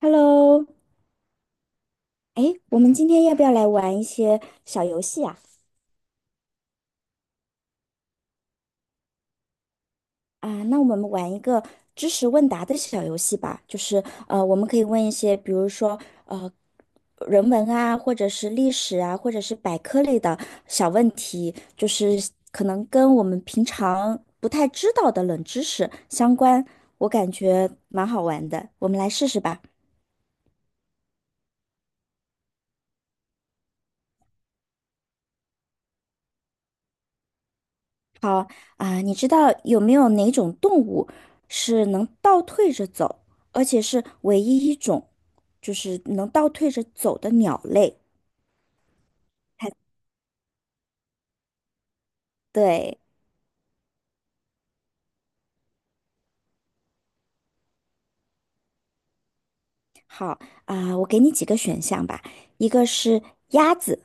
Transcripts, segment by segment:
Hello，哎，我们今天要不要来玩一些小游戏啊？啊，那我们玩一个知识问答的小游戏吧，就是我们可以问一些，比如说呃，人文啊，或者是历史啊，或者是百科类的小问题，就是可能跟我们平常不太知道的冷知识相关，我感觉蛮好玩的，我们来试试吧。好啊，你知道有没有哪种动物是能倒退着走，而且是唯一一种，就是能倒退着走的鸟类？对，好啊，我给你几个选项吧，一个是鸭子，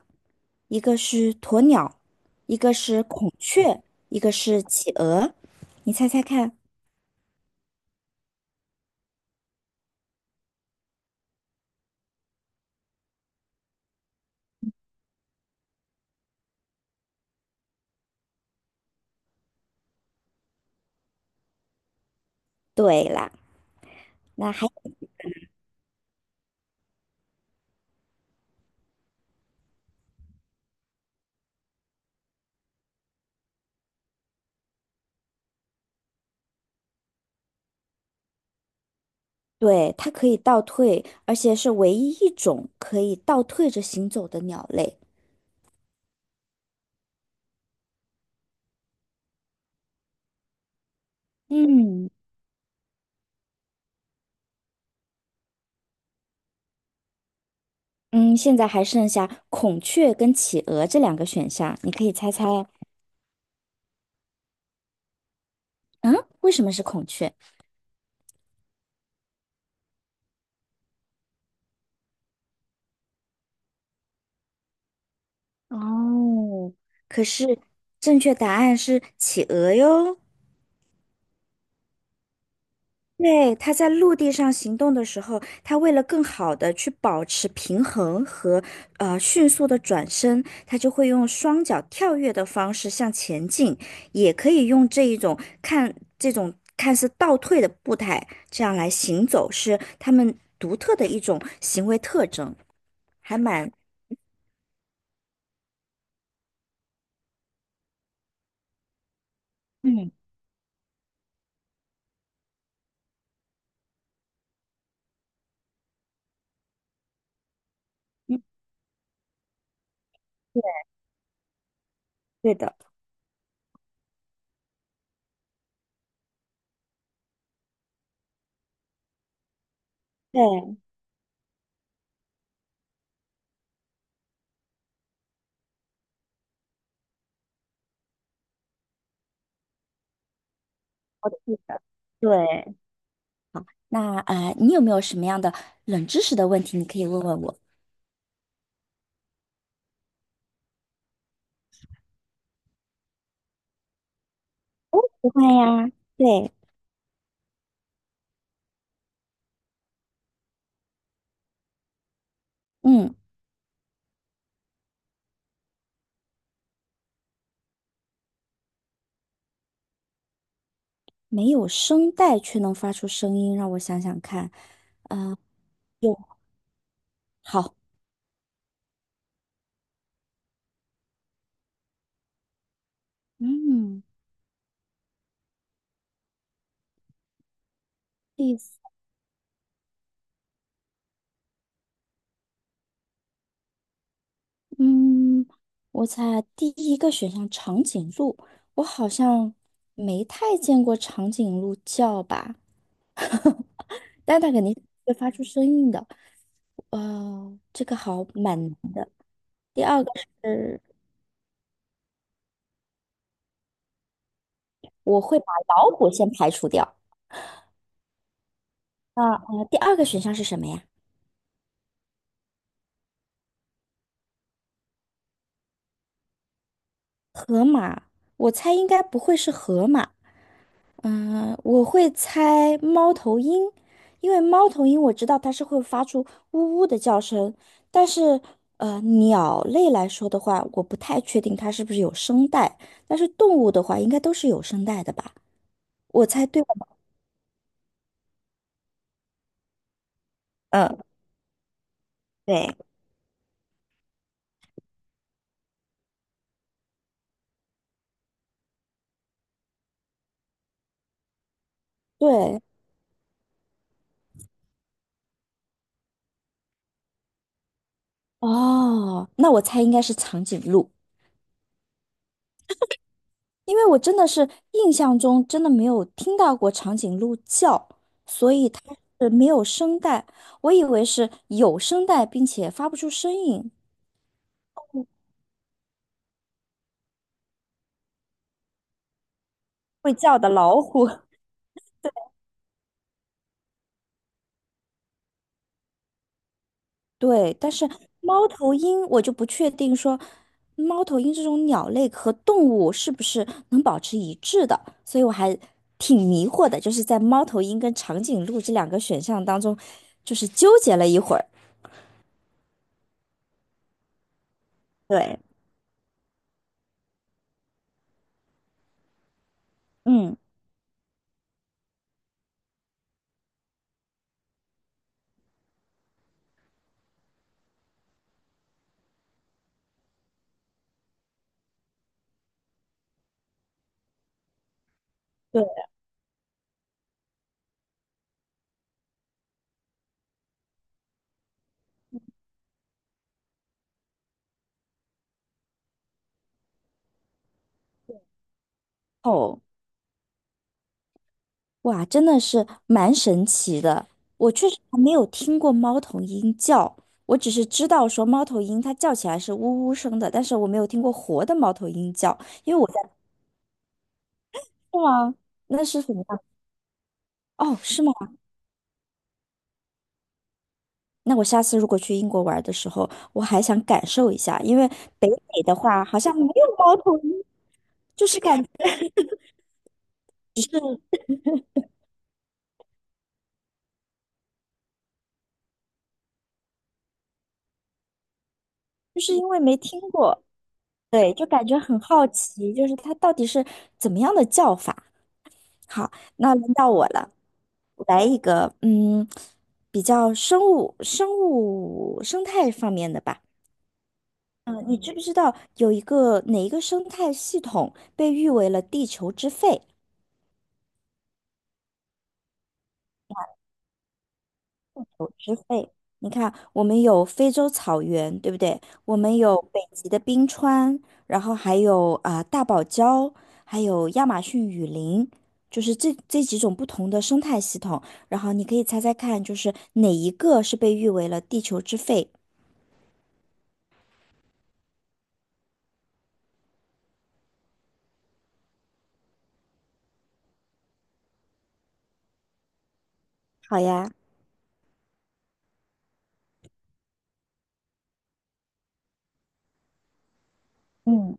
一个是鸵鸟，一个是孔雀，一个是企鹅，你猜猜看？对啦，那还对，它可以倒退，而且是唯一一种可以倒退着行走的鸟类。嗯。嗯，现在还剩下孔雀跟企鹅这两个选项，你可以猜猜啊，嗯，为什么是孔雀？哦，可是正确答案是企鹅哟。对，它在陆地上行动的时候，它为了更好的去保持平衡和迅速的转身，它就会用双脚跳跃的方式向前进，也可以用这种看似倒退的步态，这样来行走，是它们独特的一种行为特征，还蛮嗯嗯，对对的。对，我记得。对，那你有没有什么样的冷知识的问题，你可以问问我？不会呀。对。嗯，没有声带却能发出声音，让我想想看，啊、有，好，嗯，第四嗯，我猜第一个选项长颈鹿，我好像没太见过长颈鹿叫吧，但它肯定会发出声音的，这个好蛮难的。第二个是，我会把老虎先排除掉，第二个选项是什么呀？河马，我猜应该不会是河马。嗯，我会猜猫头鹰，因为猫头鹰我知道它是会发出呜呜的叫声，但是鸟类来说的话，我不太确定它是不是有声带，但是动物的话，应该都是有声带的吧？我猜对吧嗯，对，对，哦，那我猜应该是长颈鹿，因为我真的是印象中真的没有听到过长颈鹿叫，没有声带，我以为是有声带并且发不出声音，会叫的老虎。对，但是猫头鹰我就不确定说，猫头鹰这种鸟类和动物是不是能保持一致的，所以我还挺迷惑的，就是在猫头鹰跟长颈鹿这两个选项当中，就是纠结了一会儿。对，嗯，对，哦，哇，真的是蛮神奇的，我确实还没有听过猫头鹰叫。我只是知道说猫头鹰它叫起来是呜呜声的，但是我没有听过活的猫头鹰叫，因为我在是吗？那是什么呀？哦，是吗？那我下次如果去英国玩的时候，我还想感受一下，因为北美的话好像没有猫头鹰，就是感觉就是因为没听过，对，就感觉很好奇，就是它到底是怎么样的叫法。好，那轮到我了，我来一个，嗯，比较生态方面的吧。嗯，你知不知道有一个哪一个生态系统被誉为了地球之肺？植被，你看，我们有非洲草原，对不对？我们有北极的冰川，然后还有啊、大堡礁，还有亚马逊雨林，就是这几种不同的生态系统。然后你可以猜猜看，就是哪一个是被誉为了地球之肺？好呀，嗯，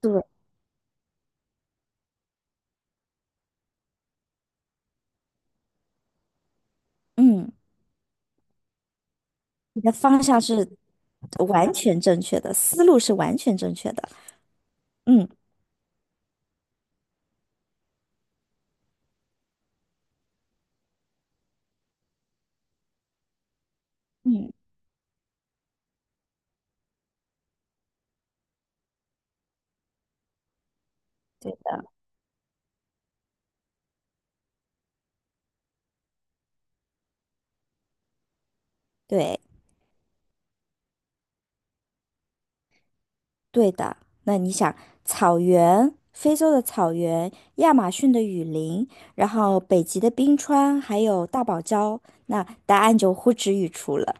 对，嗯，你的方向是完全正确的，思路是完全正确的。嗯，嗯，对，对。对的，那你想，草原，非洲的草原，亚马逊的雨林，然后北极的冰川，还有大堡礁，那答案就呼之欲出了。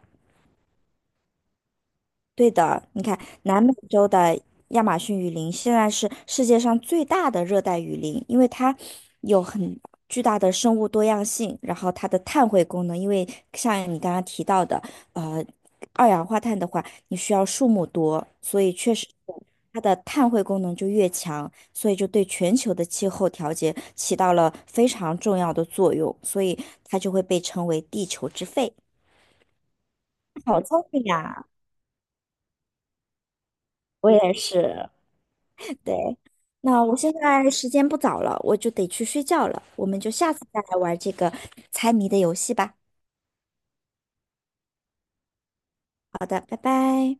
对的，你看南美洲的亚马逊雨林现在是世界上最大的热带雨林，因为它有很巨大的生物多样性，然后它的碳汇功能，因为像你刚刚提到的，呃，二氧化碳的话，你需要树木多，所以确实它的碳汇功能就越强，所以就对全球的气候调节起到了非常重要的作用，所以它就会被称为地球之肺。好聪明呀，我也是。对，那我现在时间不早了，我就得去睡觉了，我们就下次再来玩这个猜谜的游戏吧。好的，拜拜。